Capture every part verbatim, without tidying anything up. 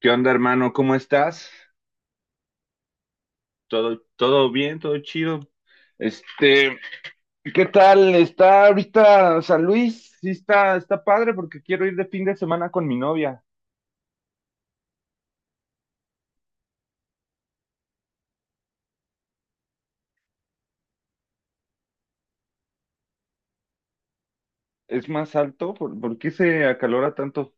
¿Qué onda, hermano? ¿Cómo estás? ¿Todo, todo bien? ¿Todo chido? Este, ¿qué tal? ¿Está ahorita San Luis? Sí, está, está padre porque quiero ir de fin de semana con mi novia. ¿Es más alto? ¿Por, por qué se acalora tanto?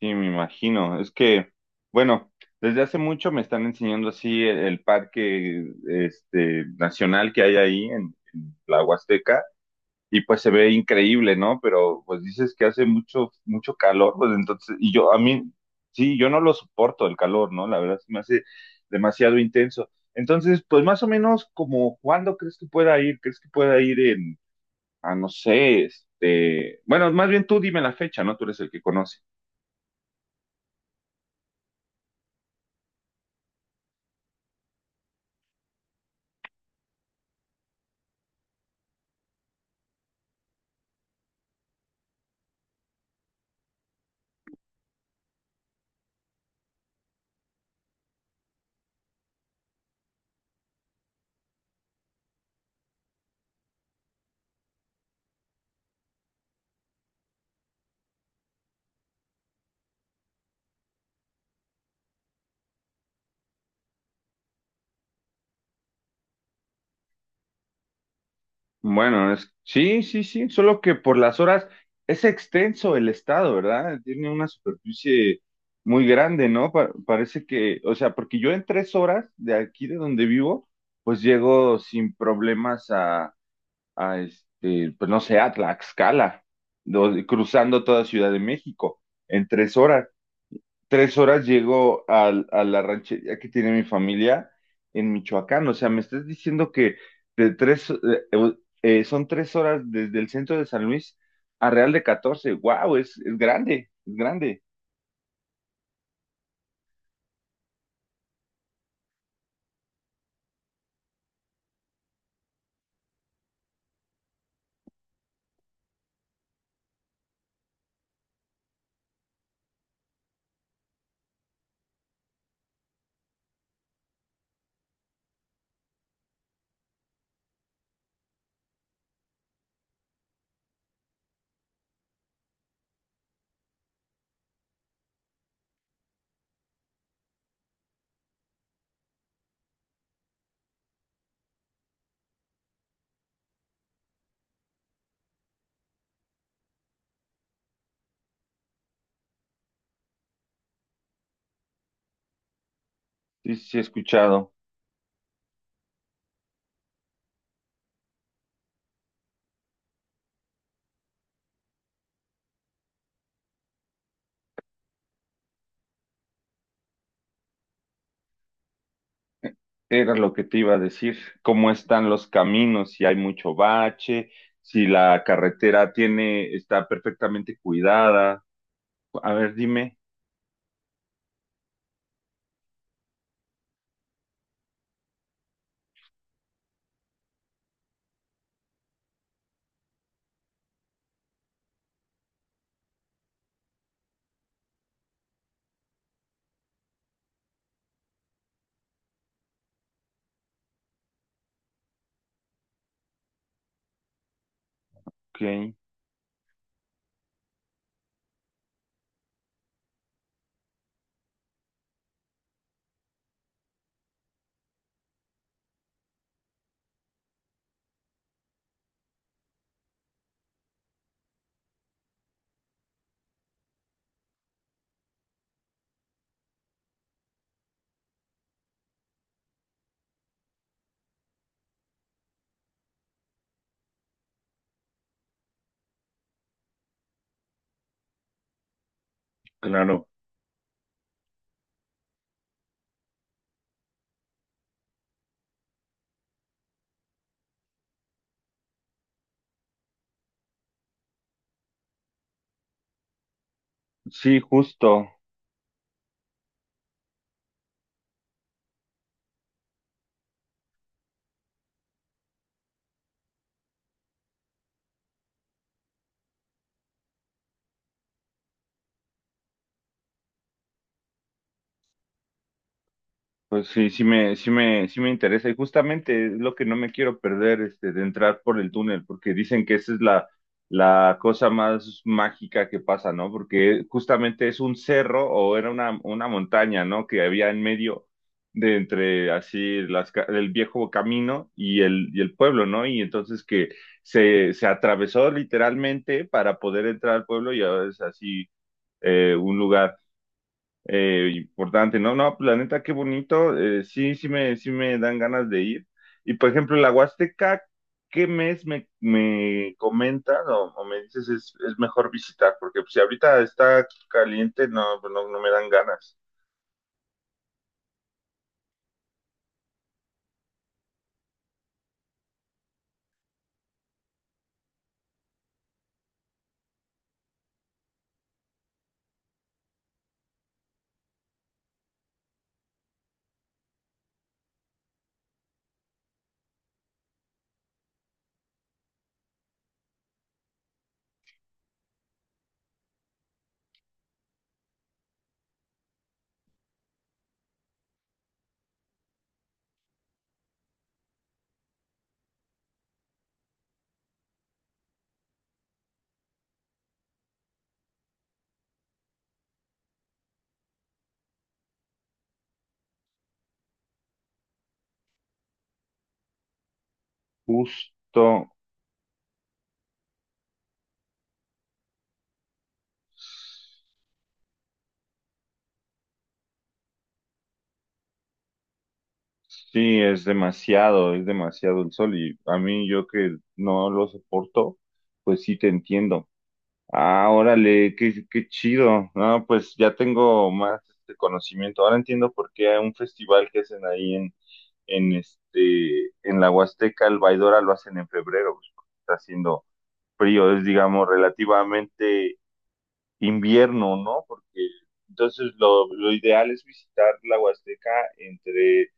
Sí, me imagino. Es que, bueno, desde hace mucho me están enseñando así el, el parque este, nacional que hay ahí en, en la Huasteca y pues se ve increíble, ¿no? Pero pues dices que hace mucho, mucho calor, pues entonces, y yo, a mí, sí, yo no lo soporto el calor, ¿no? La verdad se me hace demasiado intenso. Entonces, pues más o menos como, ¿cuándo crees que pueda ir? ¿Crees que pueda ir en, a no sé, este, bueno, más bien tú dime la fecha, ¿no? Tú eres el que conoce. Bueno, es, sí, sí, sí, solo que por las horas es extenso el estado, ¿verdad? Tiene una superficie muy grande, ¿no? Pa- parece que, o sea, porque yo en tres horas de aquí de donde vivo, pues llego sin problemas a, a este, pues no sé, a Tlaxcala, do- cruzando toda Ciudad de México en tres horas tres horas llego al- a, la ranchería que tiene mi familia en Michoacán. O sea, me estás diciendo que de tres, eh, eh, eh, son tres horas desde el centro de San Luis a Real de Catorce. ¡Wow! Es, es grande, es grande. Sí, sí, he escuchado. Era lo que te iba a decir. ¿Cómo están los caminos? Si hay mucho bache, si la carretera tiene, está perfectamente cuidada. A ver, dime. Ok, claro. Sí, justo. Pues sí, sí me, sí me, sí me interesa y justamente es lo que no me quiero perder, este, de entrar por el túnel, porque dicen que esa es la, la cosa más mágica que pasa, ¿no? Porque justamente es un cerro o era una, una montaña, ¿no? Que había en medio de entre así las, ca- el viejo camino y el, y el pueblo, ¿no? Y entonces que se, se atravesó literalmente para poder entrar al pueblo y ahora es así, eh, un lugar, eh, importante, ¿no? No, pues la neta, qué bonito, eh, sí, sí me, sí me dan ganas de ir. Y por ejemplo, la Huasteca, ¿qué mes me, me comentas o, o me dices es, es mejor visitar? Porque pues, si ahorita está caliente, no, pues, no, no me dan ganas. Justo, sí, es demasiado, es demasiado el sol y a mí yo que no lo soporto, pues sí te entiendo. Ah, órale, qué, qué chido. No, pues ya tengo más este conocimiento. Ahora entiendo por qué hay un festival que hacen ahí en, en este, en la Huasteca, el Baidora, lo hacen en febrero, pues, porque está haciendo frío, es digamos relativamente invierno, ¿no? Porque entonces lo, lo ideal es visitar la Huasteca entre,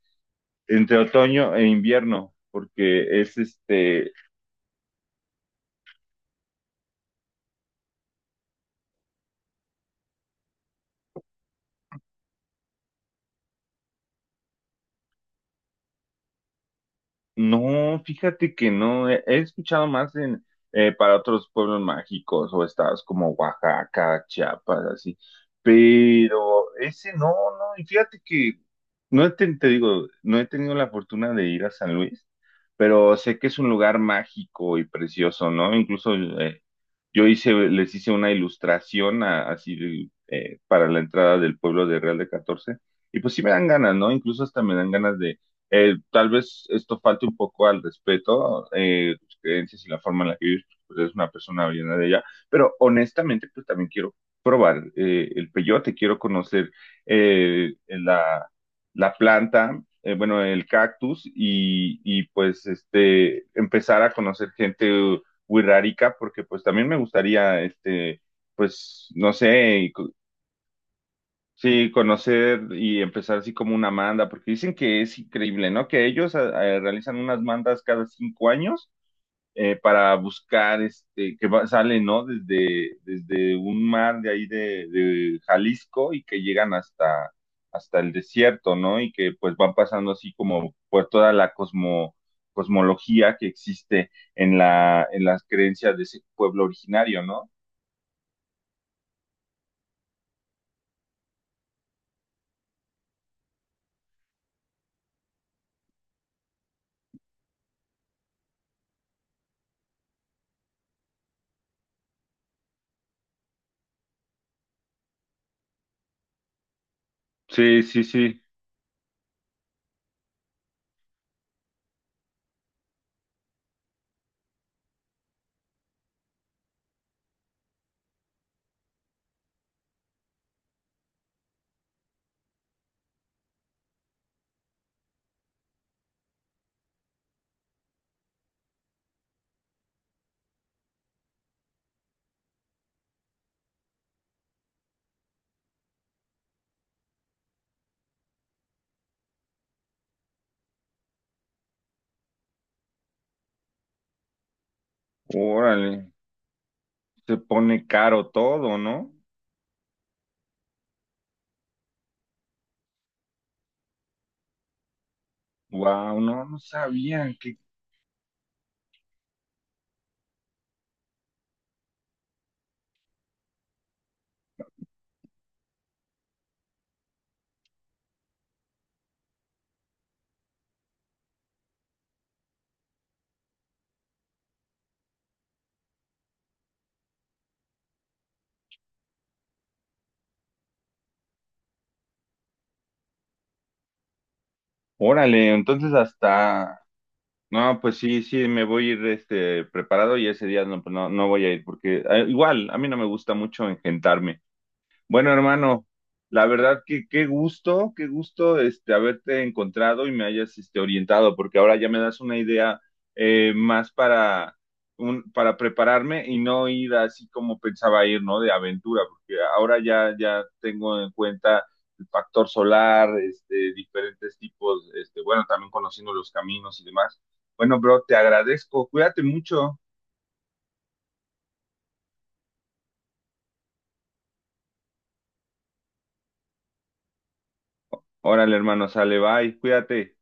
entre otoño e invierno, porque es este No, fíjate que no, he, he escuchado más en eh, para otros pueblos mágicos o estados como Oaxaca, Chiapas, así, pero ese no, no, y fíjate que no he ten- te digo, no he tenido la fortuna de ir a San Luis, pero sé que es un lugar mágico y precioso, ¿no? Incluso, eh, yo hice, les hice una ilustración a- así de, eh, para la entrada del pueblo de Real de Catorce y pues sí me dan ganas, ¿no? Incluso hasta me dan ganas, eh, tal vez esto falte un poco al respeto, eh, tus creencias y la forma en la que vives, pues eres una persona llena de ella, pero honestamente, pues también quiero probar, eh, el peyote, quiero conocer, eh, la, la planta, eh, bueno, el cactus y, y, pues este, empezar a conocer gente wixárika porque pues también me gustaría, este, pues, no sé, sí, conocer y empezar así como una manda, porque dicen que es increíble, ¿no? Que ellos a- a- realizan unas mandas cada cinco años, eh, para buscar, este, que va- salen, ¿no? Desde, desde un mar de ahí de, de Jalisco y que llegan hasta, hasta el desierto, ¿no? Y que pues van pasando así como por toda la cosmo, cosmología que existe en la, en las creencias de ese pueblo originario, ¿no? Sí, sí, sí. Órale. Se pone caro todo, ¿no? Wow, no, no sabía que. Órale, entonces hasta. No, pues sí, sí, me voy a ir, este, preparado y ese día no, pues no, no voy a ir porque, eh, igual, a mí no me gusta mucho engentarme. Bueno, hermano, la verdad que qué gusto, qué gusto este haberte encontrado y me hayas este orientado, porque ahora ya me das una idea, eh, más para un, para prepararme y no ir así como pensaba ir, ¿no? De aventura, porque ahora ya ya tengo en cuenta el factor solar, este diferentes tipos, este bueno, también conociendo los caminos y demás. Bueno, bro, te agradezco. Cuídate mucho. Órale, hermano, sale, bye. Cuídate.